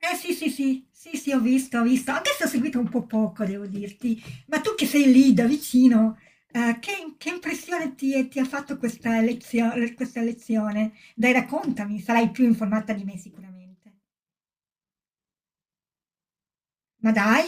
Eh sì, sì, sì, sì, sì, ho visto, ho visto. Anche se ho seguito un po' poco, devo dirti. Ma tu che sei lì da vicino, che impressione ti ha fatto questa lezione, questa lezione? Dai, raccontami, sarai più informata di me sicuramente. Ma dai,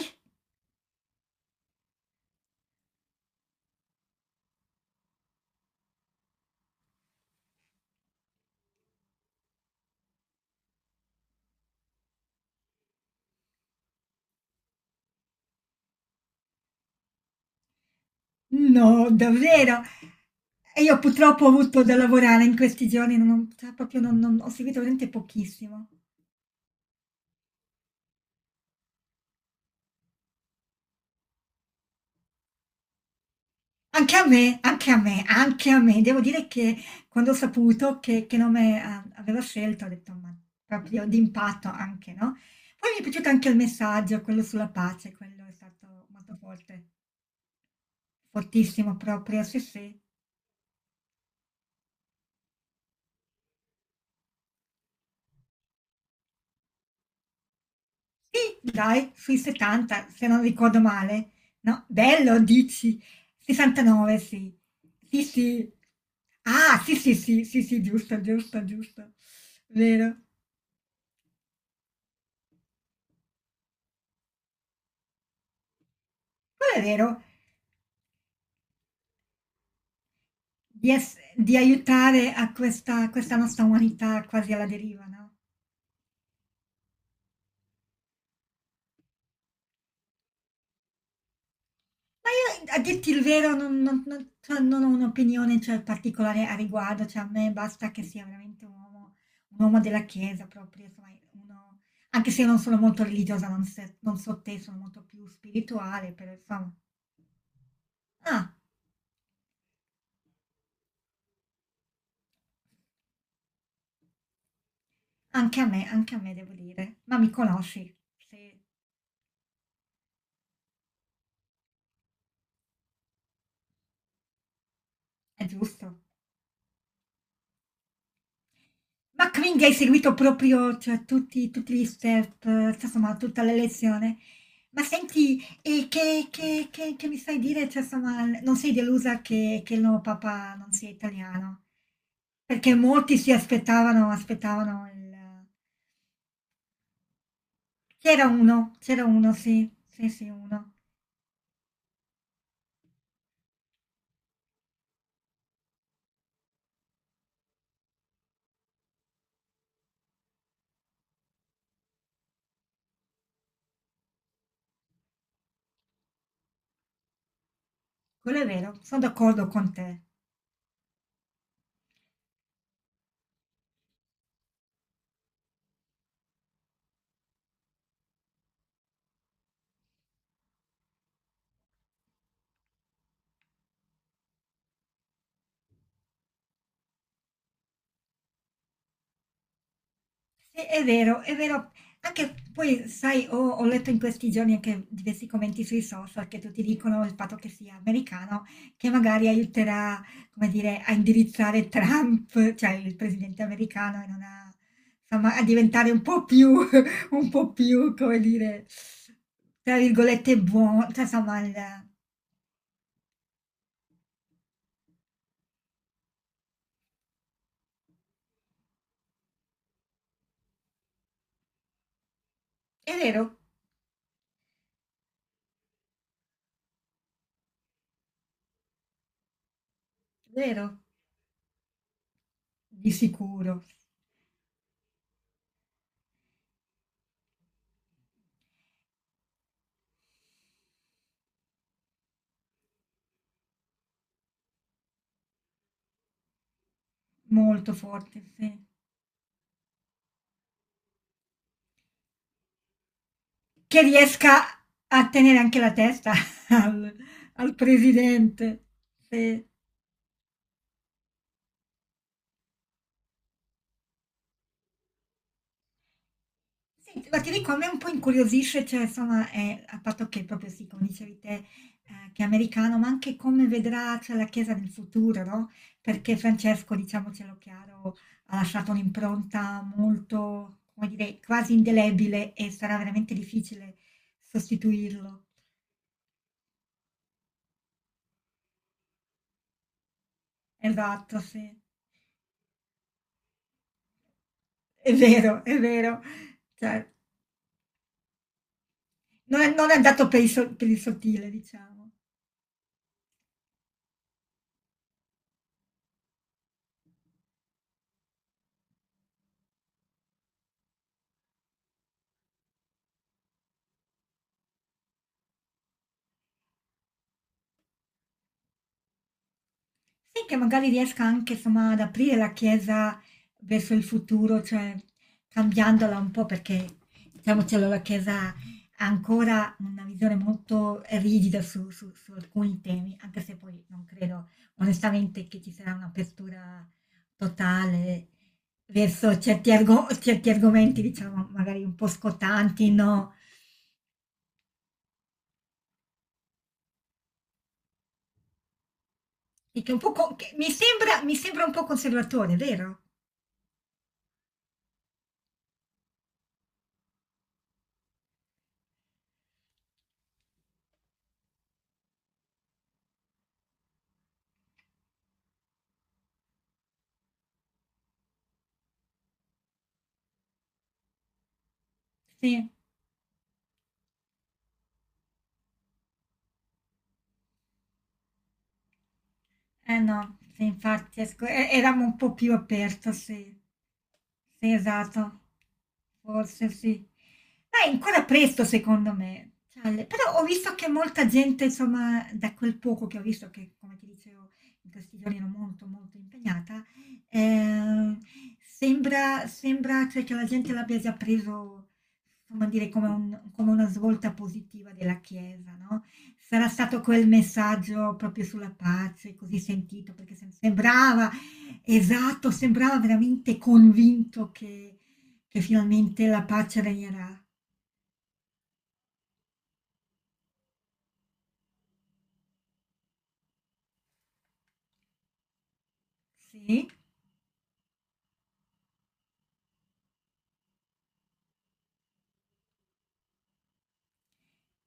no, davvero. E io purtroppo ho avuto da lavorare in questi giorni, non ho, cioè, proprio ho seguito veramente pochissimo. Anche a me, anche a me, anche a me. Devo dire che quando ho saputo che nome aveva scelto, ho detto, ma proprio d'impatto anche, no? Poi mi è piaciuto anche il messaggio, quello sulla pace, quello è stato molto forte, fortissimo proprio, sì sì. Sì, dai, sui 70, se non ricordo male, no? Bello, dici, 69, sì. Sì, sì. Ah, sì, sì, sì, sì, sì, giusto, giusto, giusto. Vero. Quello è vero. Di aiutare a questa nostra umanità quasi alla deriva, no. Ma io, a dirti il vero, non non non cioè non ho un'opinione, cioè, particolare a riguardo, cioè a me basta che sia veramente un uomo della Chiesa proprio, insomma uno anche se io non sono molto religiosa, non se non so te, sono molto più spirituale, però insomma ah, anche a me devo dire, ma mi conosci, se è giusto. Ma quindi hai seguito proprio, cioè, tutti gli step, cioè, insomma, tutta la lezione? Ma senti, e che mi sai dire? Cioè, insomma, non sei delusa che il nuovo papà non sia italiano? Perché molti si aspettavano il. C'era uno, sì, sì, sì, uno. Quello è vero, sono d'accordo con te. Sì, è vero, è vero. Anche poi, sai, ho letto in questi giorni anche diversi commenti sui social che tutti dicono il fatto che sia americano, che magari aiuterà, come dire, a indirizzare Trump, cioè il presidente americano, insomma, a diventare un po' più, un po' più, come dire, tra virgolette, buono. Cioè, insomma, vero, è vero, di sicuro, molto forte, sì. Che riesca a tenere anche la testa al, al presidente. Sì. Senti, ma ti dico, a me un po' incuriosisce, cioè, insomma, a patto che proprio sì, come dicevi te, che è americano, ma anche come vedrà, cioè, la Chiesa nel futuro, no? Perché Francesco, diciamocelo chiaro, ha lasciato un'impronta molto, come dire, quasi indelebile e sarà veramente difficile sostituirlo. Esatto, sì. È vero, è vero. Cioè, non è andato per il sottile, diciamo. Sì, che magari riesca anche, insomma, ad aprire la Chiesa verso il futuro, cioè cambiandola un po' perché, diciamocelo, la Chiesa ha ancora una visione molto rigida su alcuni temi, anche se poi non credo onestamente che ci sarà un'apertura totale verso certi argomenti, diciamo, magari un po' scottanti, no, e che mi sembra un po' conservatore, vero? Sì, eh no, sì, infatti eravamo un po' più aperto, sì. Sì, esatto, forse sì. Ma è ancora presto secondo me. Cioè, però ho visto che molta gente, insomma, da quel poco che ho visto, che come ti dicevo in questi giorni ero molto molto impegnata, eh, sembra cioè, che la gente l'abbia già preso, insomma, dire come, come una svolta positiva della Chiesa, no? Sarà stato quel messaggio proprio sulla pace, così sentito, perché sembrava esatto, sembrava veramente convinto che finalmente la pace regnerà. Sì?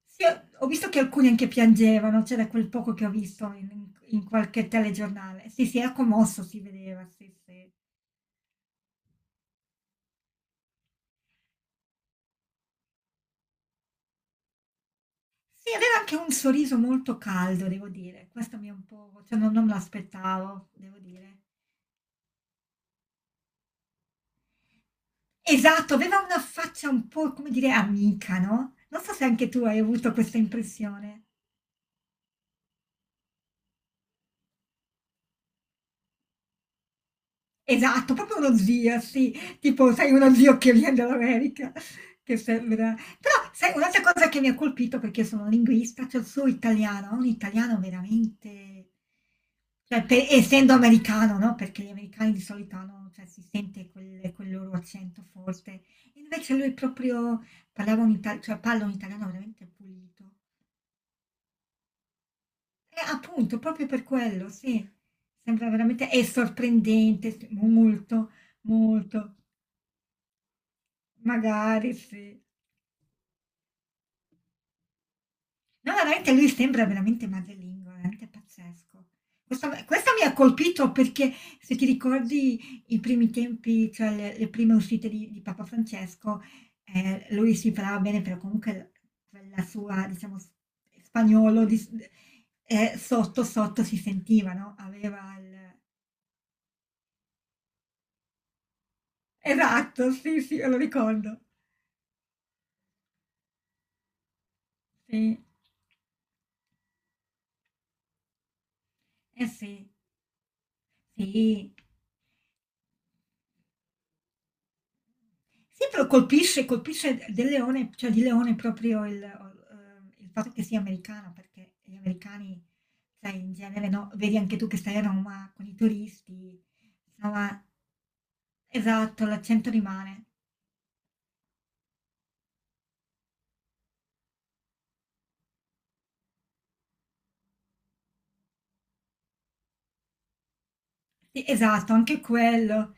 Sì, ho visto che alcuni anche piangevano, cioè da quel poco che ho visto in qualche telegiornale. Sì, sì, era commosso, si vedeva, sì, sì. Sì, aveva anche un sorriso molto caldo, devo dire. Questo mi è un po' cioè non me l'aspettavo, devo dire. Esatto, aveva una faccia un po', come dire, amica, no, non so se anche tu hai avuto questa impressione. Esatto, proprio uno zio, sì, tipo sai uno zio che viene dall'America, che sembra però sai un'altra cosa che mi ha colpito, perché io sono linguista, cioè il suo italiano, ha un italiano veramente cioè pe essendo americano, no, perché gli americani di solito hanno cioè si sente quel loro accento forte, invece lui proprio parlava un ita cioè parla un italiano veramente pulito. Appunto, proprio per quello, sì. Sembra veramente è sorprendente, sì, molto, molto. Magari sì. No, veramente lui sembra veramente madrelingo, veramente pazzesco. Questo mi ha colpito perché se ti ricordi i primi tempi, cioè le prime uscite di Papa Francesco, lui si parlava bene, però comunque quella sua, diciamo, spagnolo sotto sotto si sentiva, no? Aveva il. Esatto, sì, sì, me lo ricordo. Sì, eh sì, sì. Sì, però colpisce del Leone, cioè di Leone proprio il fatto che sia americano, perché gli americani, sai, in genere, no? Vedi anche tu che stai a Roma con i turisti, insomma, esatto, l'accento rimane. Sì, esatto, anche quello.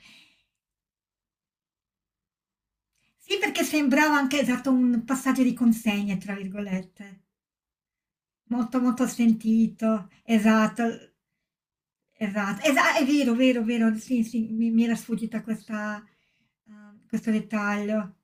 Sì, perché sembrava anche esatto un passaggio di consegne, tra virgolette. Molto, molto sentito, esatto. Esatto, esa è vero, vero, vero, sì, sì, mi era sfuggita questa questo dettaglio.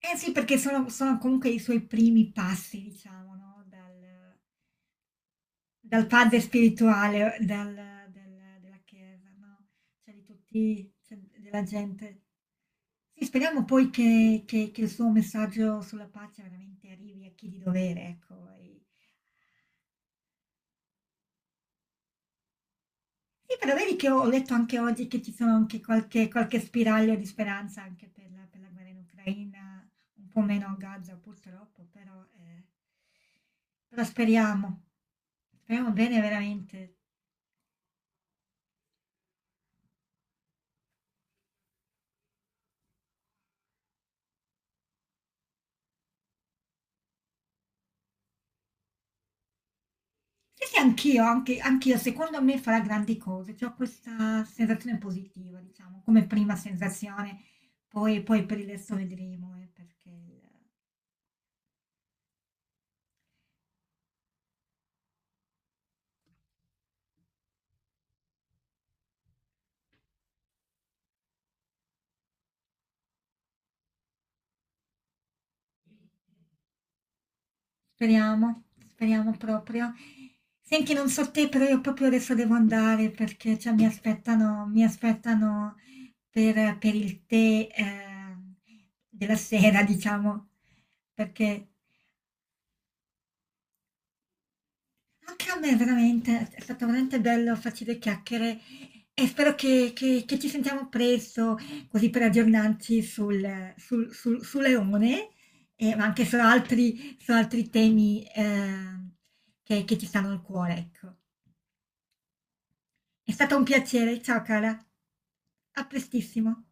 Eh sì, perché sono comunque i suoi primi passi, diciamo, no, dal padre spirituale, dal del della chiesa, no, cioè di tutti cioè della gente. Sì, speriamo poi che il suo messaggio sulla pace veramente arrivi a chi di dovere, ecco, e. Sì, però vedi che ho letto anche oggi che ci sono anche qualche spiraglio di speranza anche per la guerra in Ucraina, un po' meno a Gaza purtroppo, però, però speriamo, speriamo bene veramente. Sì, sì, anch'io, secondo me farà grandi cose, cioè, ho questa sensazione positiva, diciamo, come prima sensazione, poi per il resto vedremo, perché. Speriamo, speriamo proprio. Senti, non so te, però io proprio adesso devo andare perché cioè, mi aspettano per il tè della sera, diciamo, perché. Anche a me veramente, è stato veramente bello farci due chiacchiere e spero che ci sentiamo presto, così per aggiornarci su Leone, e, ma anche su altri temi che ci stanno al cuore, ecco. È stato un piacere, ciao cara, a prestissimo.